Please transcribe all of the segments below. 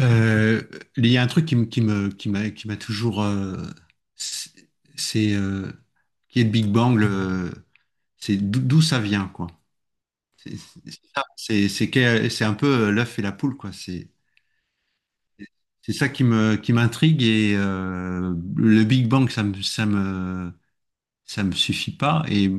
Euh, il y a un truc qui m'a toujours, c'est, c'est, euh, qui est le Big Bang, c'est d'où ça vient, quoi. C'est ça, c'est un peu l'œuf et la poule, quoi. C'est ça qui me, qui m'intrigue, et le Big Bang, ça me suffit pas. Et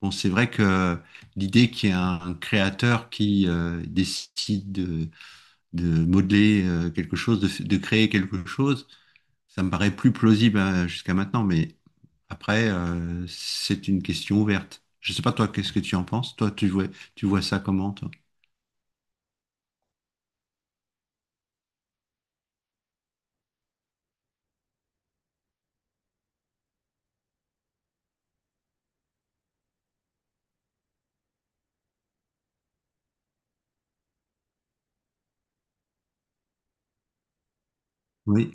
bon, c'est vrai que l'idée qu'il y ait un créateur qui décide de modeler quelque chose, de créer quelque chose. Ça me paraît plus plausible jusqu'à maintenant, mais après, c'est une question ouverte. Je sais pas, toi, qu'est-ce que tu en penses? Toi, tu vois ça comment, toi? Oui.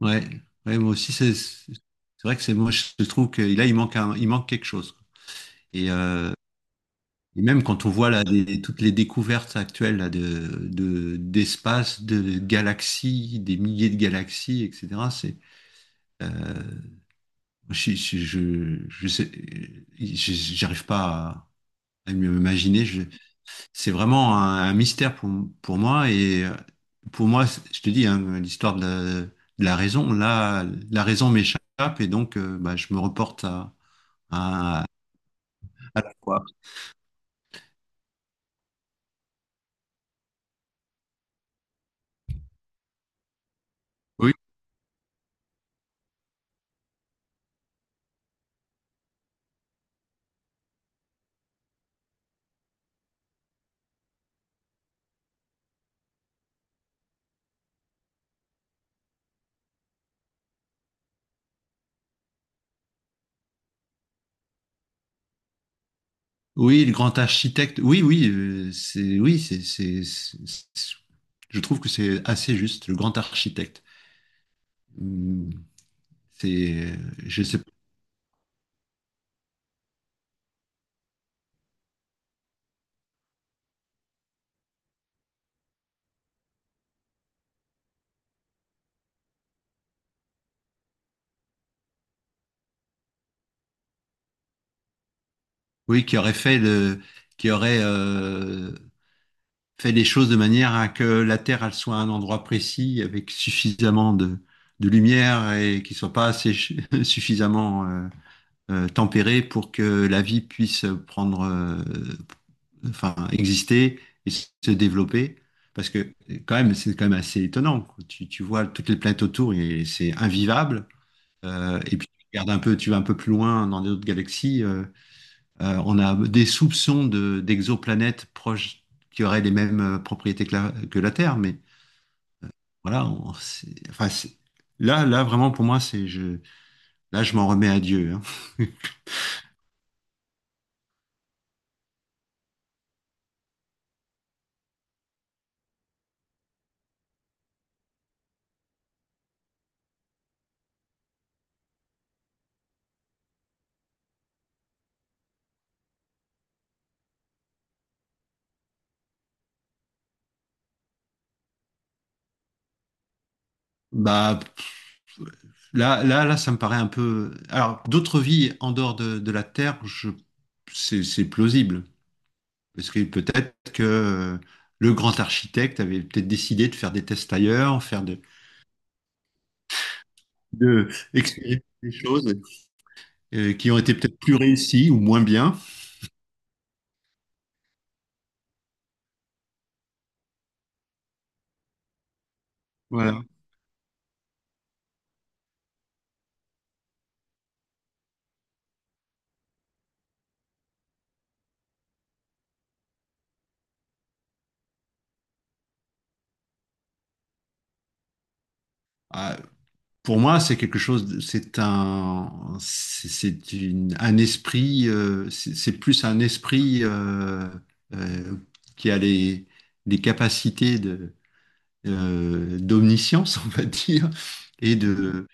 Ouais. Ouais, moi aussi, c'est vrai que c'est moi, je trouve que là, il manque quelque chose. Et, euh, et même quand on voit là, des- toutes les découvertes actuelles là, d'espace, de galaxies, des milliers de galaxies, etc. C'est, euh, je sais, j'arrive pas à mieux m'imaginer. C'est vraiment un mystère pour moi. Et pour moi, c'est- je te dis, hein, l'histoire de de la raison, là, la raison m'échappe, et donc bah, je me reporte à, à, à la foi. Oui, oui, le grand architecte. Oui, oui, je trouve que c'est assez juste, le grand architecte. Hum. C'est, je sais pas, oui, qui aurait fait le, qui aurait, fait les choses de manière à que la Terre elle soit à un endroit précis avec suffisamment de lumière, et qui soit pas suffisamment tempéré pour que la vie puisse prendre, enfin, exister et se développer. Parce que quand même, c'est quand même assez étonnant, quoi. Tu vois toutes les planètes autour et c'est invivable. Et puis tu regardes un peu, tu vas un peu plus loin dans d'autres galaxies. On a des soupçons d'exoplanètes proches qui auraient les mêmes propriétés que la Terre, mais voilà. Enfin, c'est- là, là, vraiment, pour moi, là, je m'en remets à Dieu, hein. Bah, pff, là, là, là, ça me paraît un peu. Alors, d'autres vies en dehors de la Terre, je… c'est plausible. Parce que peut-être que le grand architecte avait peut-être décidé de faire des tests ailleurs, faire de expérimenter des choses qui ont été peut-être plus réussies ou moins bien. Voilà. Ah, pour moi, c'est quelque chose, de- c'est un, c'est une- un esprit, c'est plus un esprit euh, qui a les capacités de, d'omniscience, on va dire, et de,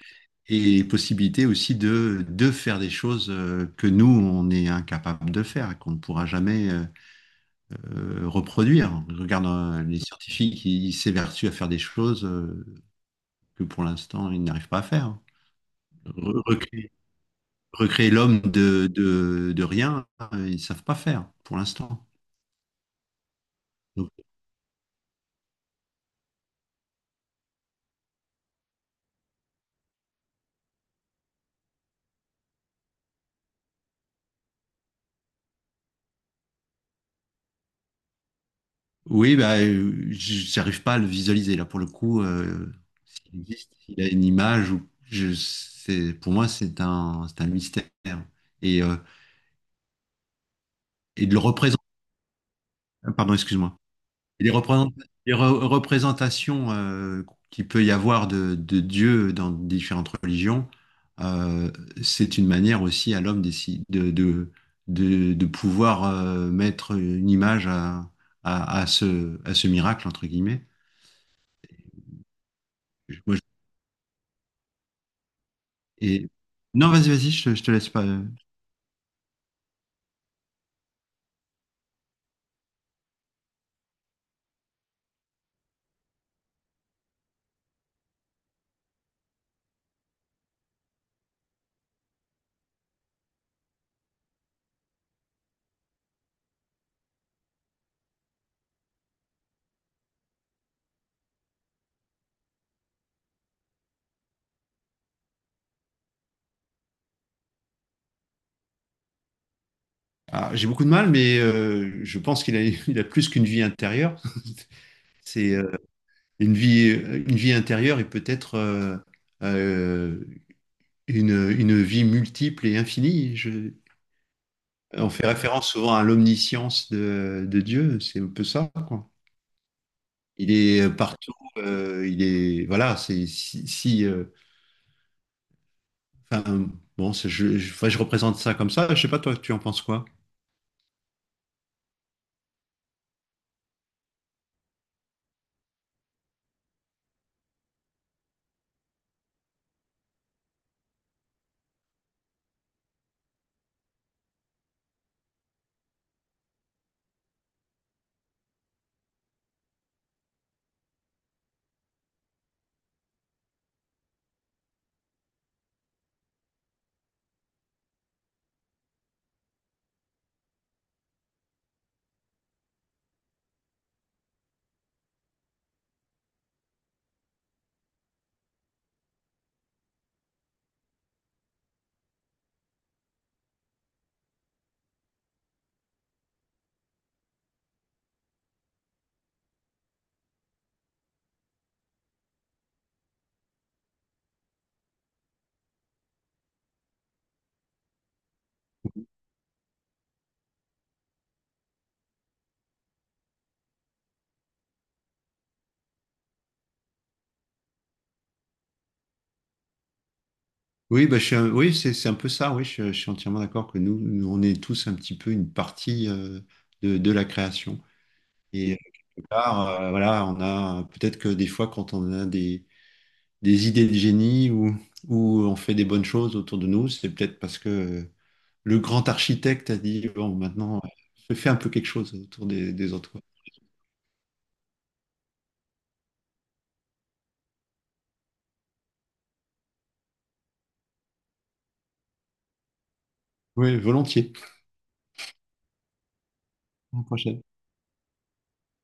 et possibilité aussi de faire des choses que nous, on est incapable de faire, et qu'on ne pourra jamais reproduire. Je regarde les scientifiques, ils s'évertuent à faire des choses que pour l'instant, ils n'arrivent pas à faire. Recréer, recréer l'homme de, de rien, ils savent pas faire pour l'instant. Donc, oui, bah, j'arrive pas à le visualiser. Là, pour le coup, s'il existe, s'il a une image, ou je, c'est, pour moi, c'est un mystère. Et, euh, et de le représenter. Pardon, excuse-moi. Et Les représent- les re- représentations qu'il peut y avoir de Dieu dans différentes religions, euh, c'est une manière aussi à l'homme de pouvoir mettre une image à ce miracle, entre guillemets. Moi, je- et... Non, vas-y, vas-y, je te laisse pas. Ah, j'ai beaucoup de mal, mais je pense qu'il a, il a plus qu'une vie intérieure. C'est une vie intérieure et peut-être… euh, une vie multiple et infinie. On fait référence souvent à l'omniscience de Dieu, c'est un peu ça, quoi. Il est partout, il est, voilà, c'est si, si, enfin, bon, c'est- enfin, je représente ça comme ça. Je sais pas, toi, tu en penses quoi? Oui, bah, oui, c'est un peu ça. Oui, je suis entièrement d'accord que nous, nous, on est tous un petit peu une partie de la création. Et voilà, on a peut-être que des fois, quand on a des idées de génie ou on fait des bonnes choses autour de nous, c'est peut-être parce que le grand architecte a dit, bon, maintenant, je fais un peu quelque chose autour des autres. Oui, volontiers. À la prochaine.